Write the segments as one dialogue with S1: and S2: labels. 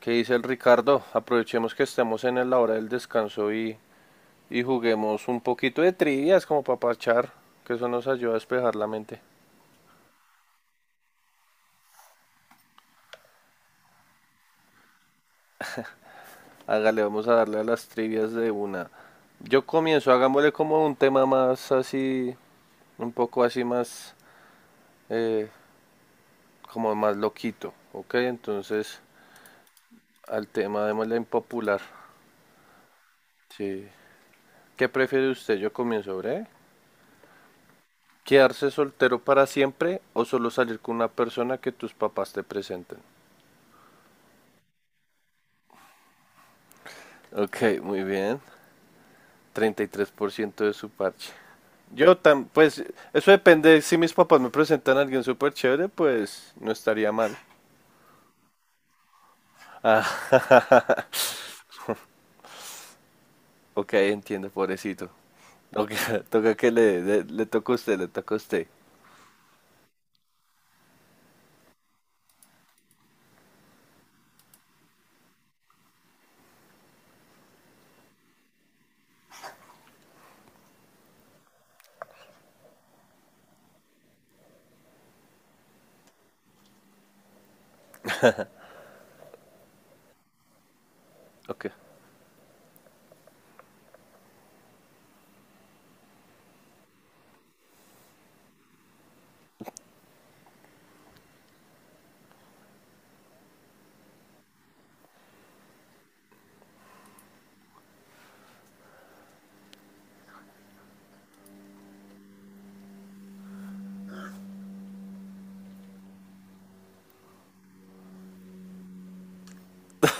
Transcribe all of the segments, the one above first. S1: ¿Qué dice el Ricardo? Aprovechemos que estamos en la hora del descanso y juguemos un poquito de trivias como para parchar, que eso nos ayuda a despejar la mente. Hágale, vamos a darle a las trivias de una. Yo comienzo, hagámosle como un tema más así, un poco así más, eh, como más loquito, ¿ok? Entonces, al tema démosle impopular. Sí. ¿Qué prefiere usted? Yo comienzo, ¿eh? ¿Quedarse soltero para siempre o solo salir con una persona que tus papás te presenten? Ok, muy bien. 33% de su parche. Yo tam, pues, eso depende. Si mis papás me presentan a alguien súper chévere, pues no estaría mal. Ah, ok, entiendo, pobrecito. Ok, toca que le toca a usted, le toca a usted. Ok.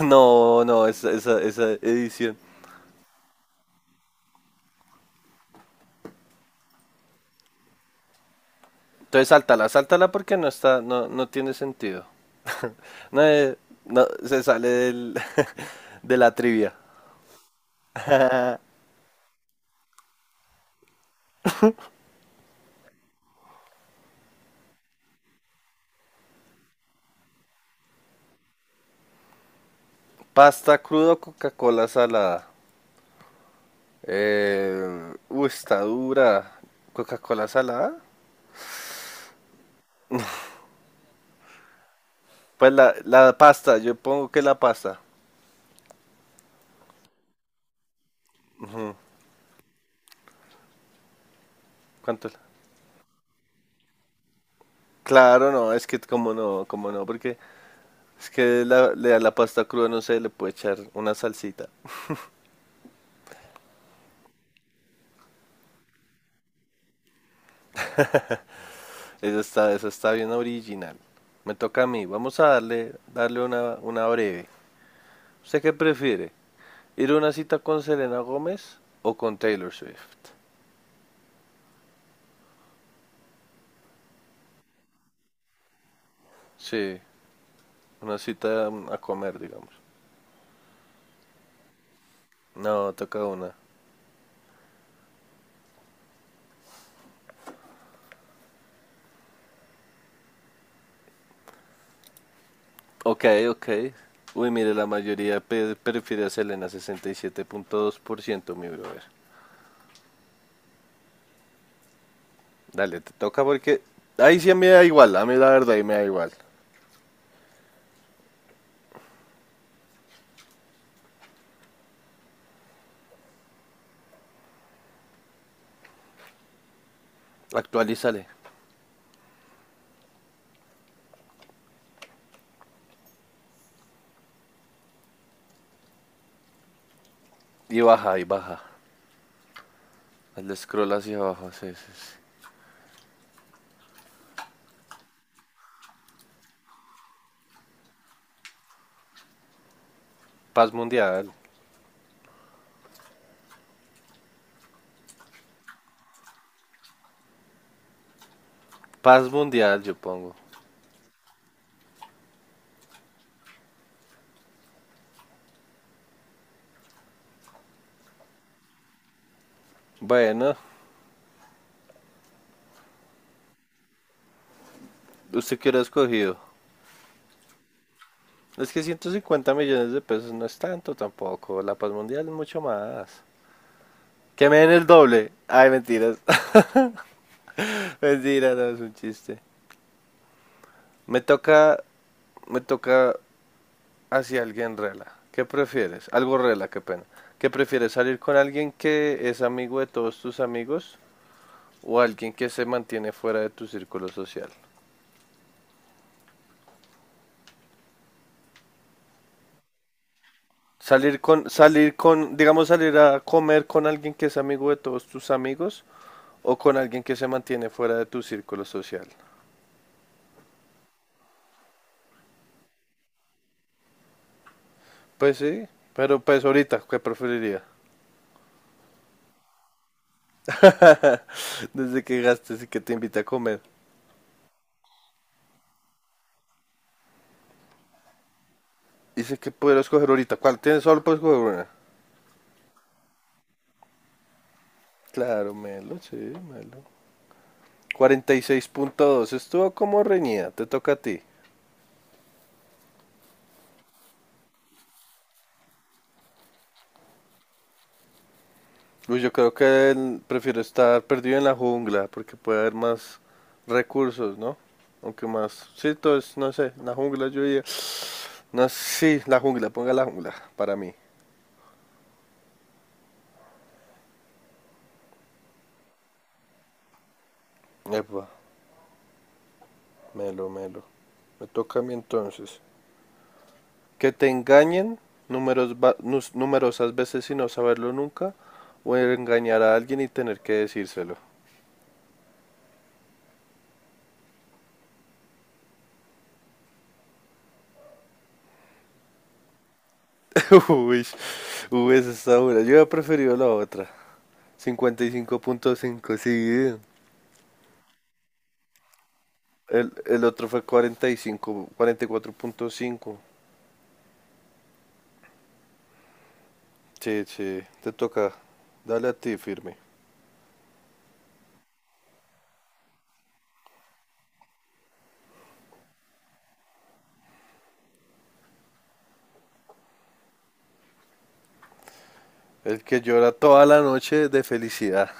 S1: No, no, esa edición. Entonces sáltala, sáltala porque no está, no, no tiene sentido. No, no, se sale del, de la trivia. Pasta crudo, Coca-Cola salada. Uy, está dura. ¿Coca-Cola salada? Pues la pasta, yo pongo que la pasta. Ujú. ¿Cuánto? Es la... Claro, no, es que como no, porque es que la, le... a la pasta cruda no se le puede echar una salsita. Eso está bien original. Me toca a mí. Vamos a darle una breve. ¿Usted qué prefiere? ¿Ir a una cita con Selena Gómez o con Taylor Swift? Sí, una cita a comer, digamos. No, toca una. Ok, ok. Uy, mire, la mayoría pe- prefiere a Selena, 67.2%, mi brother. Dale, te toca porque... Ahí sí me da igual, a mí la verdad ahí me da igual. Actualízale. Y baja, y baja. Hazle scroll hacia abajo, sí, sí, sí. Paz mundial. Paz mundial, yo pongo. Bueno, ¿usted qué hubiera escogido? Es que 150 millones de pesos no es tanto tampoco. La paz mundial es mucho más. Que me den el doble. Ay, mentiras. Mentira, no, es un chiste. Me toca, me toca hacia alguien rela. ¿Qué prefieres? Algo rela, qué pena. ¿Qué prefieres? ¿Salir con alguien que es amigo de todos tus amigos o alguien que se mantiene fuera de tu círculo social? Salir con, digamos, salir a comer con alguien que es amigo de todos tus amigos o con alguien que se mantiene fuera de tu círculo social. Pues sí, pero pues ahorita, ¿qué preferiría? Desde que gastes y que te invita a comer. Dice que puedo escoger ahorita. ¿Cuál tienes? Solo puedes escoger una. Claro, Melo, sí, Melo. 46.2, estuvo como reñida, te toca a ti. Uy, yo creo que el- prefiero estar perdido en la jungla porque puede haber más recursos, ¿no? Aunque más, sí, todo es, no sé, la jungla yo diría, no, sí, la jungla, ponga la jungla para mí. Epa, melo, melo. Me toca a mí entonces. Que te engañen numeros va- nus- numerosas veces y no saberlo nunca, o engañar a alguien y tener que decírselo. Uy, uy, esa está dura. Yo he preferido la otra. 55.5, sí. El otro fue cuarenta, 45, 44.5. Sí, sí, te toca. Dale a ti, firme. El que llora toda la noche de felicidad.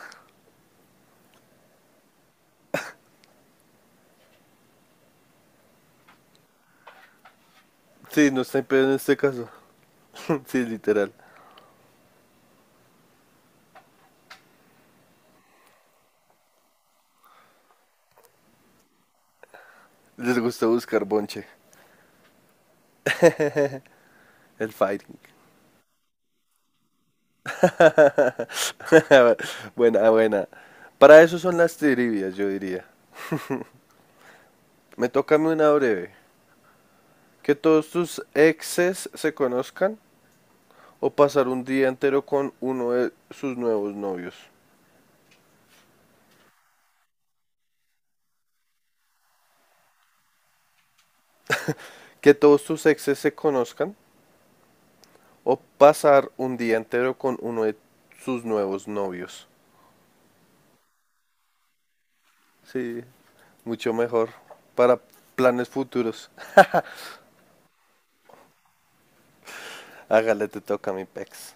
S1: Sí, no está en pedo en este caso. Sí, literal. Les gusta buscar bonche. El fighting. Buena, buena. Para eso son las trivias, yo diría. Me toca a mí una breve. Que todos tus exes se conozcan o pasar un día entero con uno de sus nuevos novios. Que todos tus exes se conozcan o pasar un día entero con uno de sus nuevos novios. Sí, mucho mejor para planes futuros. Hágale, te toca mi pex.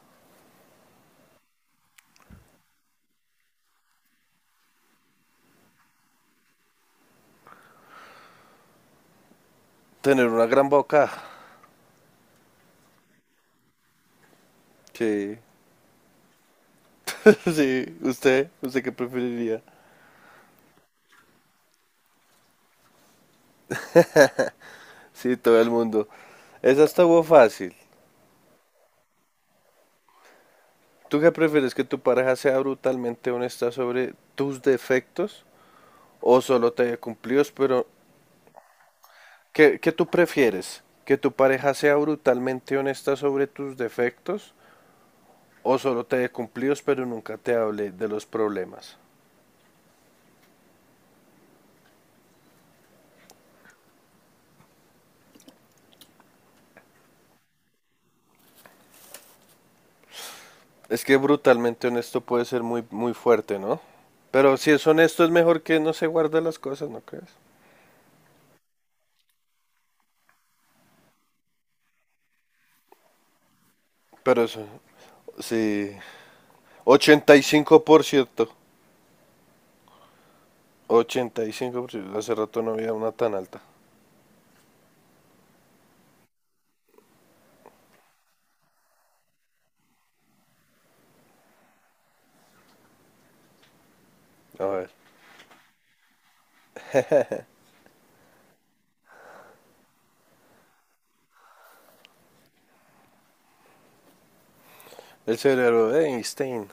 S1: Tener una gran boca. Sí. Sí, usted, usted qué preferiría. Sí, todo el mundo. Esa estuvo fácil. ¿Tú qué prefieres que tu pareja sea brutalmente honesta sobre tus defectos o solo te dé cumplidos pero... ¿Qué tú prefieres? ¿Que tu pareja sea brutalmente honesta sobre tus defectos o solo te dé cumplidos pero nunca te hable de los problemas? Es que brutalmente honesto puede ser muy, muy fuerte, ¿no? Pero si es honesto es mejor que no se guarde las cosas, ¿no crees? Pero eso, sí, 85%. 85%, hace rato no había una tan alta. A ver, el cerebro de Einstein,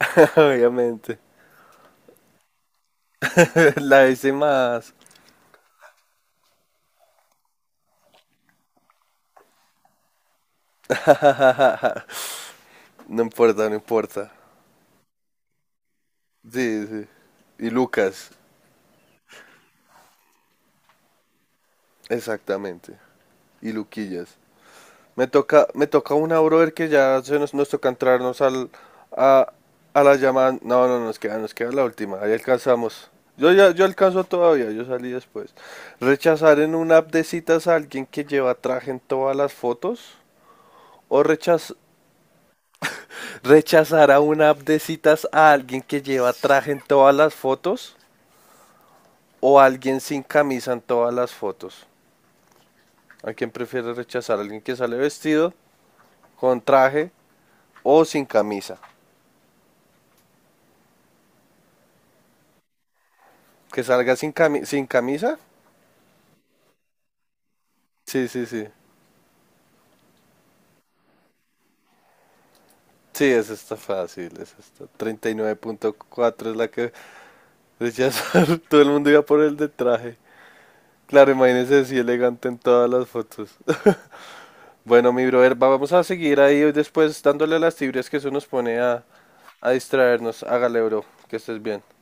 S1: obviamente. La hice más. No importa, no importa. Sí, sí. Y Lucas, exactamente. Y Luquillas. Me toca una, brother, que ya se nos, nos toca entrarnos al, a, a la llamada. No, no, nos queda la última. Ahí alcanzamos. Yo ya, yo alcanzo todavía, yo salí después. Rechazar en una app de citas a alguien que lleva traje en todas las fotos. O rechaz- rechazar a una app de citas a alguien que lleva traje en todas las fotos o alguien sin camisa en todas las fotos. ¿A quién prefiere rechazar? ¿Alguien que sale vestido, con traje o sin camisa? ¿Que salga sin, cami- sin camisa? Sí, sí, sí. Sí, esa está fácil, esa está. 39.4 es la que rechazar. Todo el mundo iba por el de traje. Claro, imagínese así elegante en todas las fotos. Bueno, mi brother, va- vamos a seguir ahí hoy, después dándole las tibias que eso nos pone a distraernos. Hágale, bro, que estés bien.